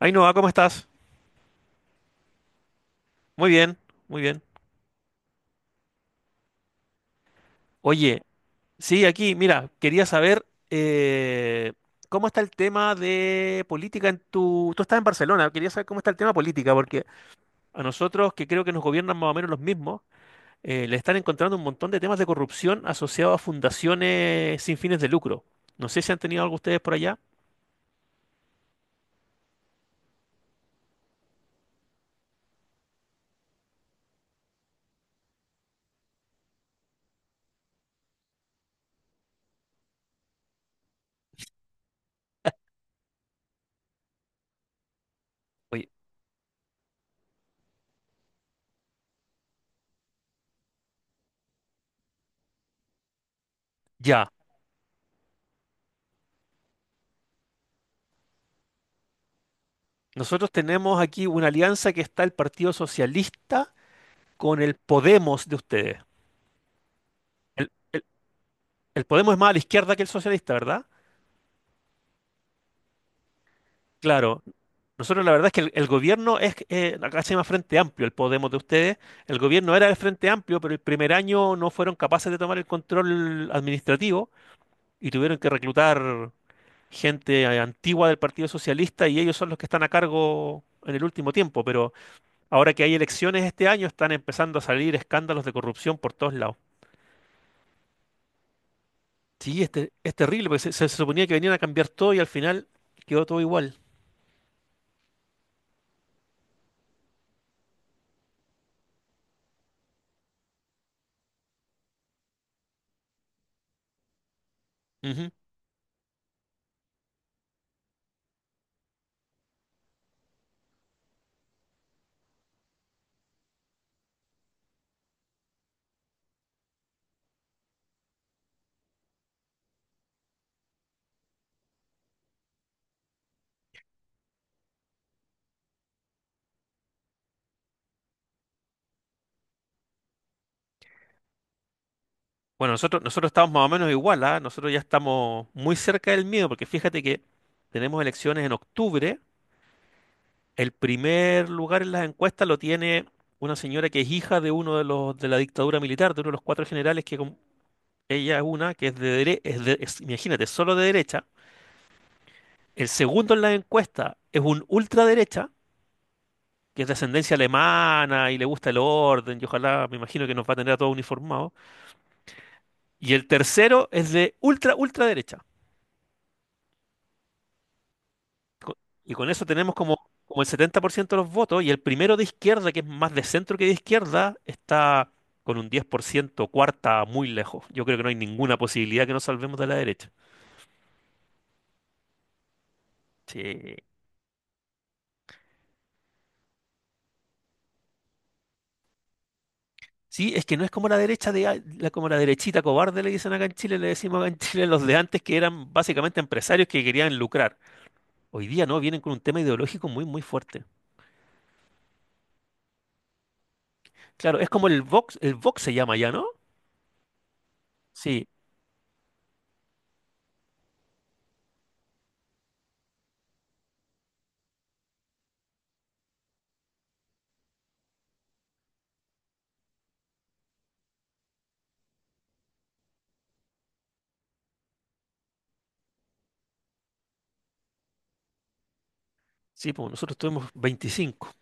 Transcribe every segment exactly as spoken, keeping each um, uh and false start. Ainhoa, ¿cómo estás? Muy bien, muy bien. Oye, sí, aquí, mira, quería saber eh, cómo está el tema de política en tu... Tú estás en Barcelona, quería saber cómo está el tema política, porque a nosotros, que creo que nos gobiernan más o menos los mismos, eh, le están encontrando un montón de temas de corrupción asociados a fundaciones sin fines de lucro. No sé si han tenido algo ustedes por allá. Oye, ya. Nosotros tenemos aquí una alianza que está el Partido Socialista con el Podemos de ustedes. El, el- El Podemos es más a la izquierda que el socialista, ¿verdad? Claro. Nosotros la verdad es que el, el gobierno es, eh, acá se llama Frente Amplio, el Podemos de ustedes. El gobierno era el Frente Amplio, pero el primer año no fueron capaces de tomar el control administrativo y tuvieron que reclutar gente eh, antigua del Partido Socialista, y ellos son los que están a cargo en el último tiempo. Pero ahora que hay elecciones este año, están empezando a salir escándalos de corrupción por todos lados. Sí, este, es terrible, porque se, se suponía que venían a cambiar todo y al final quedó todo igual. Ujú. Bueno, nosotros, nosotros estamos más o menos igual, ¿ah? Nosotros ya estamos muy cerca del miedo, porque fíjate que tenemos elecciones en octubre. El primer lugar en las encuestas lo tiene una señora que es hija de uno de los de la dictadura militar, de uno de los cuatro generales que com- ella es una que es de, dere- es de- es- imagínate, solo de derecha. El segundo en las encuestas es un ultraderecha, que es de ascendencia alemana y le gusta el orden, y ojalá, me imagino que nos va a tener a todos uniformados. Y el tercero es de ultra ultraderecha. co- Y con eso tenemos como, como el setenta por ciento de los votos, y el primero de izquierda, que es más de centro que de izquierda, está con un diez por ciento cuarta muy lejos. Yo creo que no hay ninguna posibilidad que nos salvemos de la derecha. Sí. Sí, es que no es como la derecha de a- la, como la derechita cobarde, le dicen acá en Chile, le decimos acá en Chile los de antes que eran básicamente empresarios que querían lucrar. Hoy día no, vienen con un tema ideológico muy, muy fuerte. Claro, es como el Vox, el Vox se llama ya, ¿no? Sí, sí, pues nosotros tuvimos veinticinco.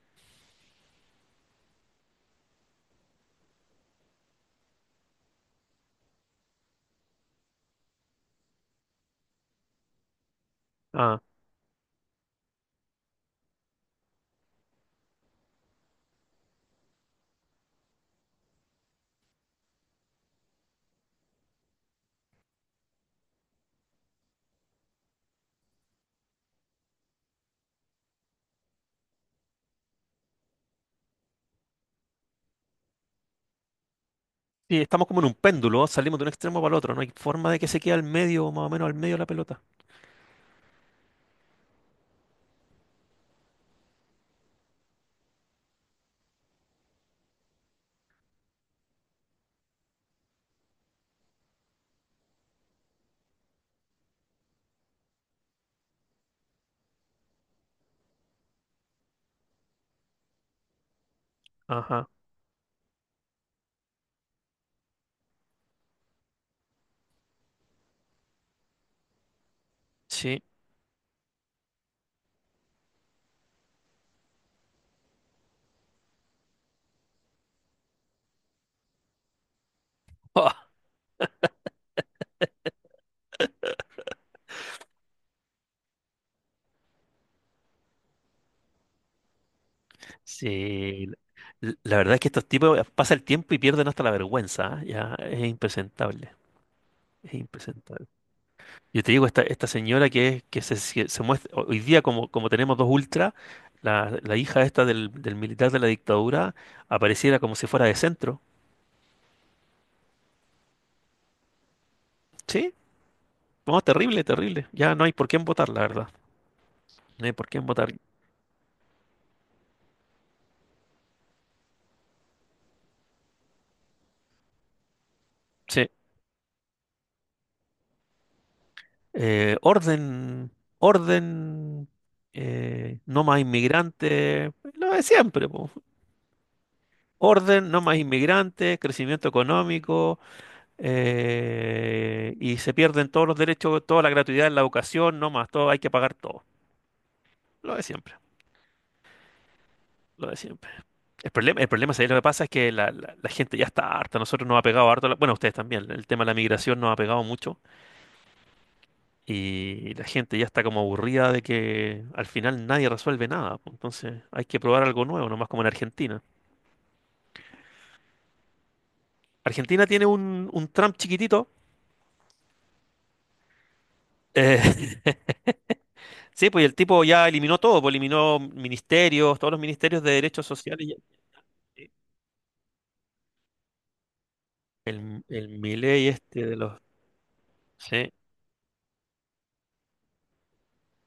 Sí, estamos como en un péndulo, salimos de un extremo para el otro, no hay forma de que se quede al medio, más o menos al medio de la pelota. Ajá, sí. Ah, sí, la la verdad es que estos tipos eh, pasa el tiempo y pierden hasta la vergüenza, ¿ah? Ya es impresentable, es impresentable. Yo te digo, esta, esta señora que, es- que se, se- se muestra hoy día, como, como tenemos dos ultras, la, la hija esta del, del militar de la dictadura apareciera como si fuera de centro. Sí, no, terrible, terrible. Ya no hay por quién votar, la verdad. No hay por quién votar. Sí. Eh, orden, orden, eh, no más inmigrantes, lo de siempre, po. Orden, no más inmigrantes, crecimiento económico, eh, y se pierden todos los derechos, toda la gratuidad en la educación, no más, todo, hay que pagar todo, lo de siempre. Lo de siempre. El problema, el problema, ¿sabes? Lo que pasa es que la, la- la gente ya está harta. Nosotros nos ha pegado harto. la- Bueno, ustedes también. El tema de la migración nos ha pegado mucho. Y la gente ya está como aburrida de que al final nadie resuelve nada. Pues, entonces hay que probar algo nuevo, nomás como en Argentina. Argentina tiene un, un Trump chiquitito. eh, sí, pues y el tipo ya eliminó todo, pues eliminó ministerios, todos los ministerios de derechos sociales. ya- El, el Milei este de los. Sí,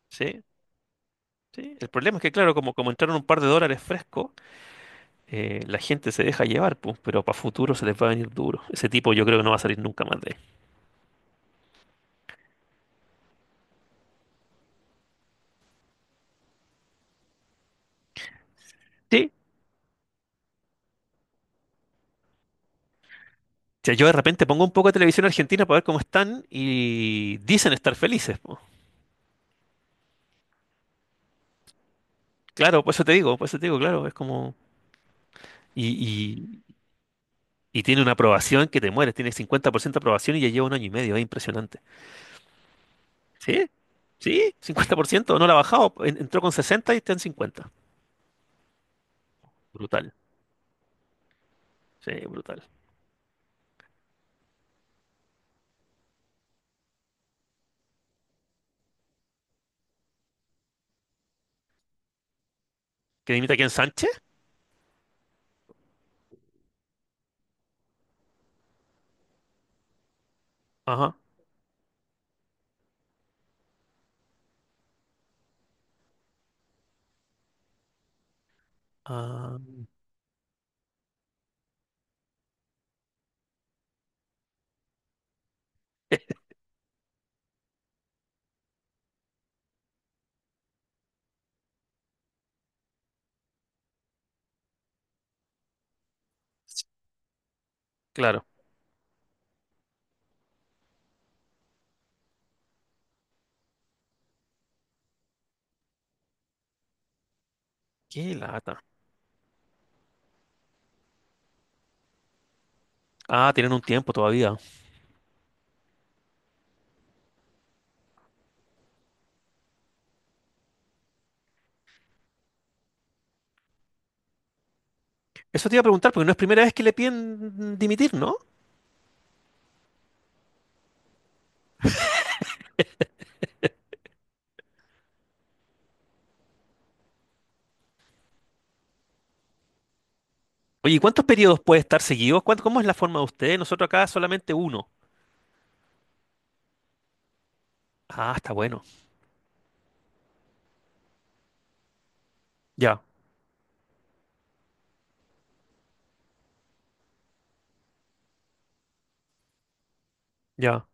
sí, sí. El problema es que, claro, como, como entraron un par de dólares frescos, eh, la gente se deja llevar, pues, pero para futuro se les va a venir duro. Ese tipo yo creo que no va a salir nunca más de ahí. Sí, sea, yo de repente pongo un poco de televisión argentina para ver cómo están y dicen estar felices, po. Claro, por eso te digo, por eso te digo, claro, es como. Y, y- y tiene una aprobación que te mueres, tiene cincuenta por ciento de aprobación y ya lleva un año y medio, es impresionante. ¿Sí? ¿Sí? cincuenta por ciento, no la ha bajado, en- entró con sesenta y está en cincuenta. Brutal, sí, brutal. ¿Que dimita aquí en Sánchez? Ajá. Ah, eh, claro. Qué lata. Ah, tienen un tiempo todavía. Eso te iba a preguntar, porque no es primera vez que le piden dimitir, ¿no? Oye, ¿y cuántos periodos puede estar seguidos? ¿Cuánto- ¿cómo es la forma de ustedes? Nosotros acá solamente uno. Ah, está bueno. Ya, ya.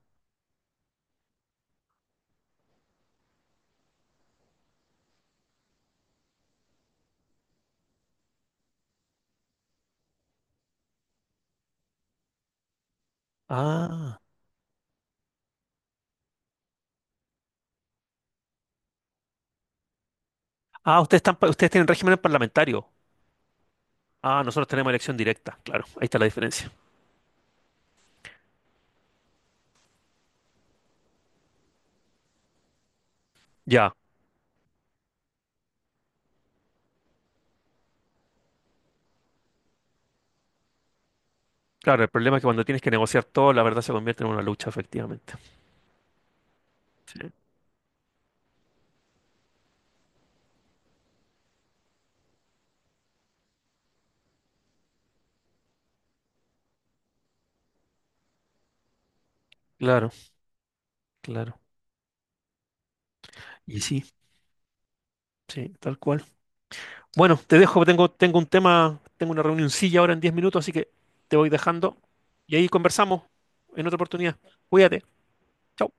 Ah, ah, ustedes están, pa- ustedes tienen régimen parlamentario. Ah, nosotros tenemos elección directa. Claro, ahí está la diferencia. Ya, claro, el problema es que cuando tienes que negociar todo, la verdad se convierte en una lucha, efectivamente. Sí, claro, claro. Y sí, sí, tal cual. Bueno, te dejo, tengo, tengo un tema, tengo una reunioncilla ahora en diez minutos, así que te voy dejando y ahí conversamos en otra oportunidad. Cuídate. Chao.